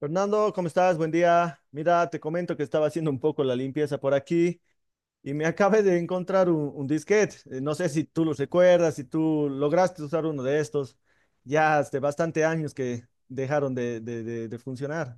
Fernando, ¿cómo estás? Buen día. Mira, te comento que estaba haciendo un poco la limpieza por aquí y me acabé de encontrar un disquete. No sé si tú lo recuerdas, si tú lograste usar uno de estos. Ya hace bastante años que dejaron de funcionar.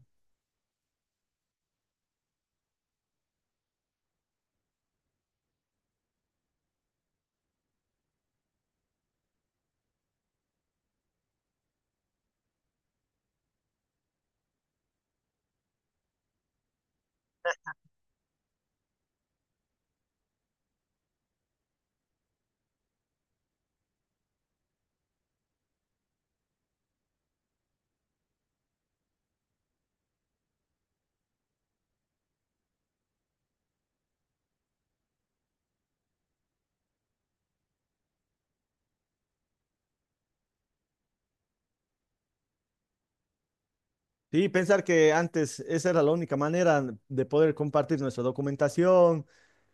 Sí, pensar que antes esa era la única manera de poder compartir nuestra documentación,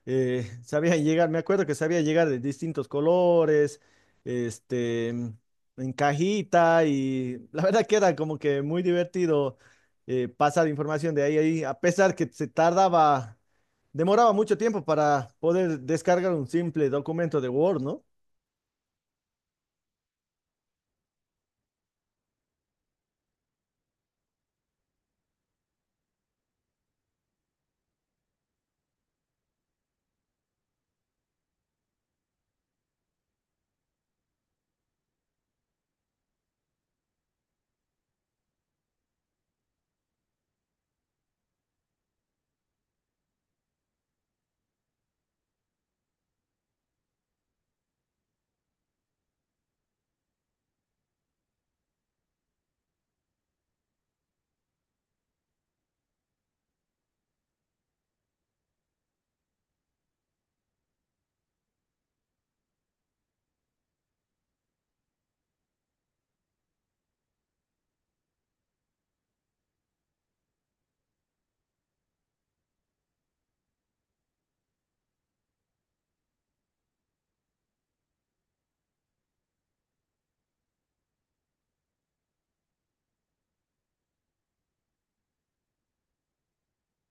sabían llegar, me acuerdo que sabía llegar de distintos colores, este, en cajita y la verdad que era como que muy divertido pasar información de ahí a ahí, a pesar que se tardaba, demoraba mucho tiempo para poder descargar un simple documento de Word, ¿no?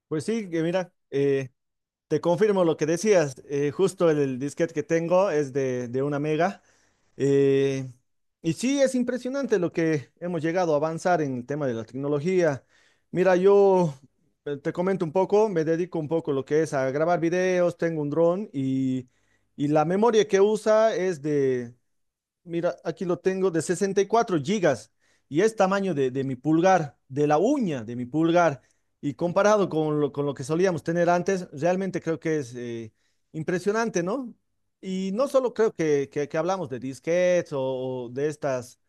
Pues sí, que mira, te confirmo lo que decías, justo el disquete que tengo es de 1 mega. Eh, y sí, es impresionante lo que hemos llegado a avanzar en el tema de la tecnología. Mira, yo te comento un poco, me dedico un poco a lo que es a grabar videos, tengo un dron y la memoria que usa es de. Mira, aquí lo tengo de 64 gigas y es tamaño de mi pulgar, de la uña de mi pulgar. Y comparado con lo que solíamos tener antes, realmente creo que es impresionante, ¿no? Y no solo creo que hablamos de disquetes o de estas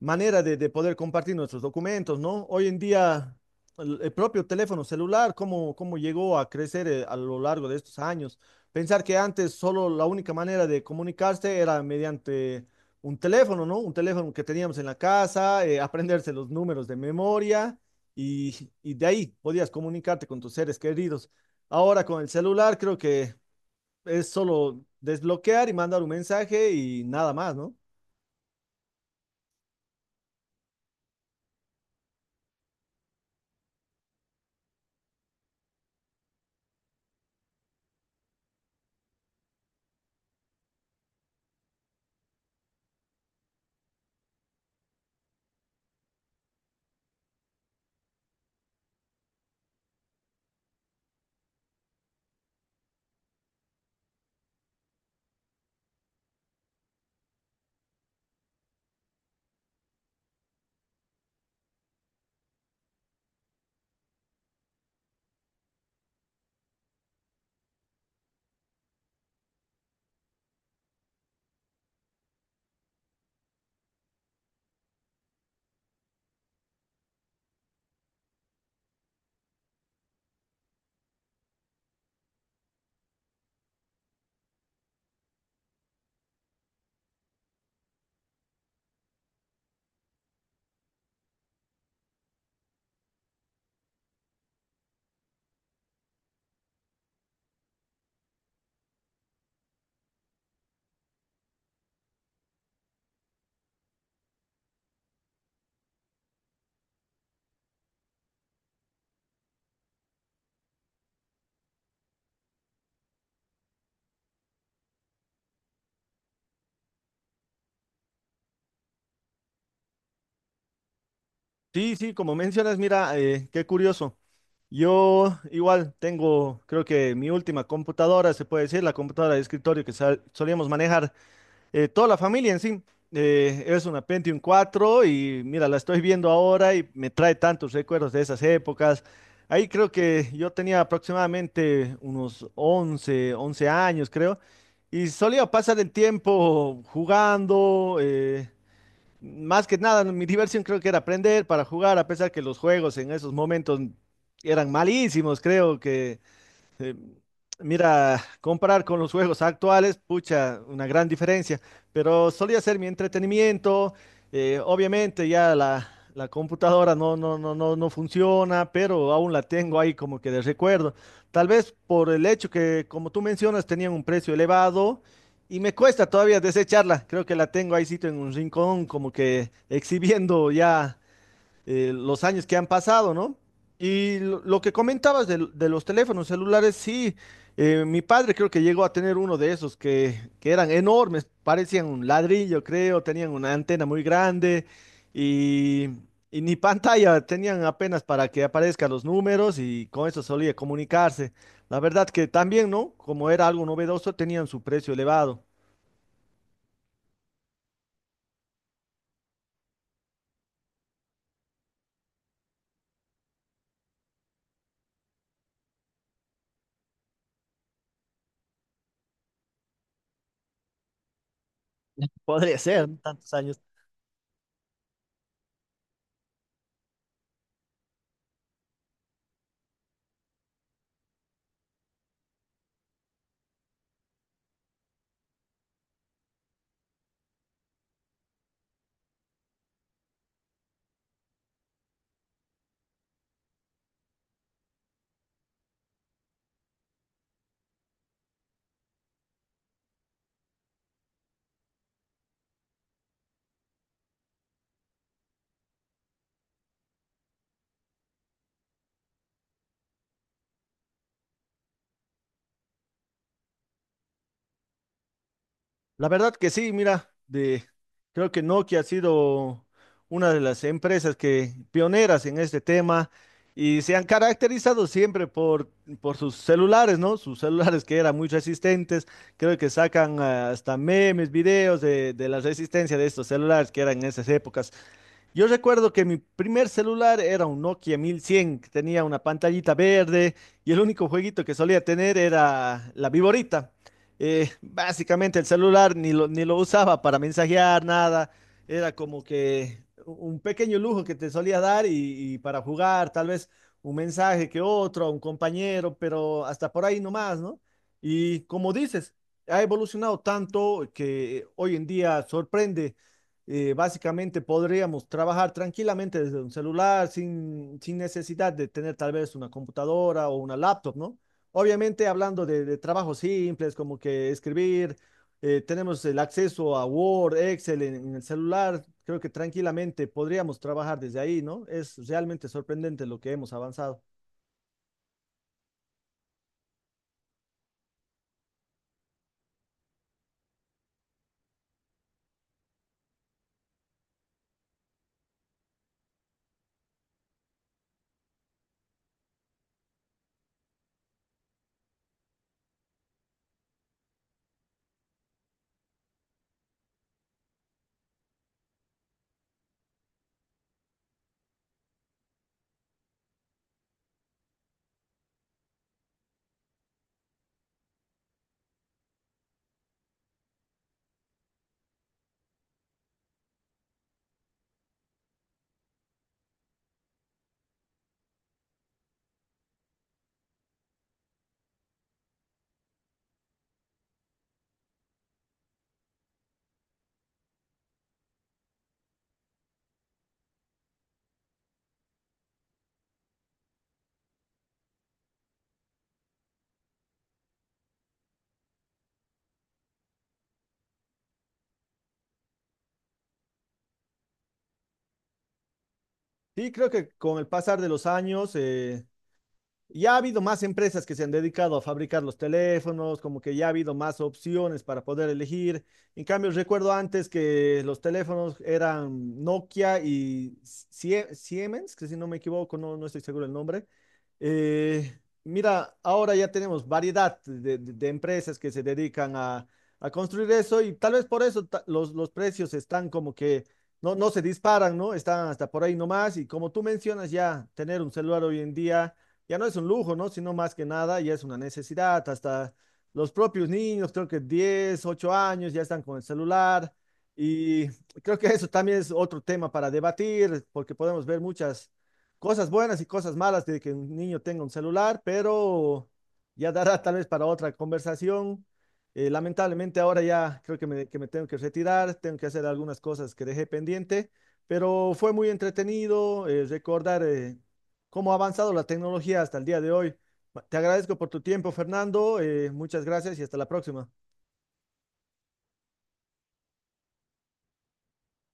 manera de poder compartir nuestros documentos, ¿no? Hoy en día, el propio teléfono celular, cómo, cómo llegó a crecer a lo largo de estos años. Pensar que antes solo la única manera de comunicarse era mediante un teléfono, ¿no? Un teléfono que teníamos en la casa, aprenderse los números de memoria y de ahí podías comunicarte con tus seres queridos. Ahora con el celular creo que es solo desbloquear y mandar un mensaje y nada más, ¿no? Sí, sí, como mencionas, mira, qué curioso. Yo igual tengo, creo que mi última computadora, se puede decir, la computadora de escritorio que solíamos manejar toda la familia en sí. Eh, es una Pentium cuatro y mira, la estoy viendo ahora y me trae tantos recuerdos de esas épocas. Ahí creo que yo tenía aproximadamente unos once años, creo, y solía pasar el tiempo jugando. Eh, más que nada, mi diversión creo que era aprender para jugar, a pesar que los juegos en esos momentos eran malísimos, creo que. Mira, comparar con los juegos actuales, pucha, una gran diferencia, pero solía ser mi entretenimiento. Obviamente ya la computadora no funciona, pero aún la tengo ahí como que de recuerdo. Tal vez por el hecho que, como tú mencionas, tenían un precio elevado y me cuesta todavía desecharla. Creo que la tengo ahí sito en un rincón como que exhibiendo ya los años que han pasado, ¿no? Y lo que comentabas de los teléfonos celulares, sí, mi padre creo que llegó a tener uno de esos que eran enormes, parecían un ladrillo, creo, tenían una antena muy grande y, y ni pantalla, tenían apenas para que aparezcan los números y con eso solía comunicarse. La verdad que también, ¿no? Como era algo novedoso, tenían su precio elevado. Podría ser, ¿no? Tantos años. La verdad que sí, mira, de, creo que Nokia ha sido una de las empresas que pioneras en este tema y se han caracterizado siempre por sus celulares, ¿no? Sus celulares que eran muy resistentes, creo que sacan ah, hasta memes, videos de la resistencia de estos celulares que eran en esas épocas. Yo recuerdo que mi primer celular era un Nokia 1100, que tenía una pantallita verde y el único jueguito que solía tener era la viborita. Básicamente el celular ni lo usaba para mensajear, nada. Era como que un pequeño lujo que te solía dar y para jugar, tal vez un mensaje que otro, a un compañero, pero hasta por ahí nomás, ¿no? Y como dices, ha evolucionado tanto que hoy en día sorprende básicamente podríamos trabajar tranquilamente desde un celular sin necesidad de tener tal vez una computadora o una laptop, ¿no? Obviamente hablando de trabajos simples como que escribir, tenemos el acceso a Word, Excel en el celular, creo que tranquilamente podríamos trabajar desde ahí, ¿no? Es realmente sorprendente lo que hemos avanzado. Y creo que con el pasar de los años, ya ha habido más empresas que se han dedicado a fabricar los teléfonos, como que ya ha habido más opciones para poder elegir. En cambio, recuerdo antes que los teléfonos eran Nokia y Siemens, que si no me equivoco, no, no estoy seguro el nombre. Eh, mira, ahora ya tenemos variedad de, de empresas que se dedican a construir eso y tal vez por eso los precios están como que no, no se disparan, ¿no? Están hasta por ahí nomás y como tú mencionas ya, tener un celular hoy en día ya no es un lujo, ¿no? Sino más que nada ya es una necesidad. Hasta los propios niños, creo que 10, 8 años, ya están con el celular. Y creo que eso también es otro tema para debatir, porque podemos ver muchas cosas buenas y cosas malas de que un niño tenga un celular, pero ya dará tal vez para otra conversación. Lamentablemente ahora ya creo que me tengo que retirar, tengo que hacer algunas cosas que dejé pendiente, pero fue muy entretenido recordar cómo ha avanzado la tecnología hasta el día de hoy. Te agradezco por tu tiempo, Fernando. Eh, muchas gracias y hasta la próxima.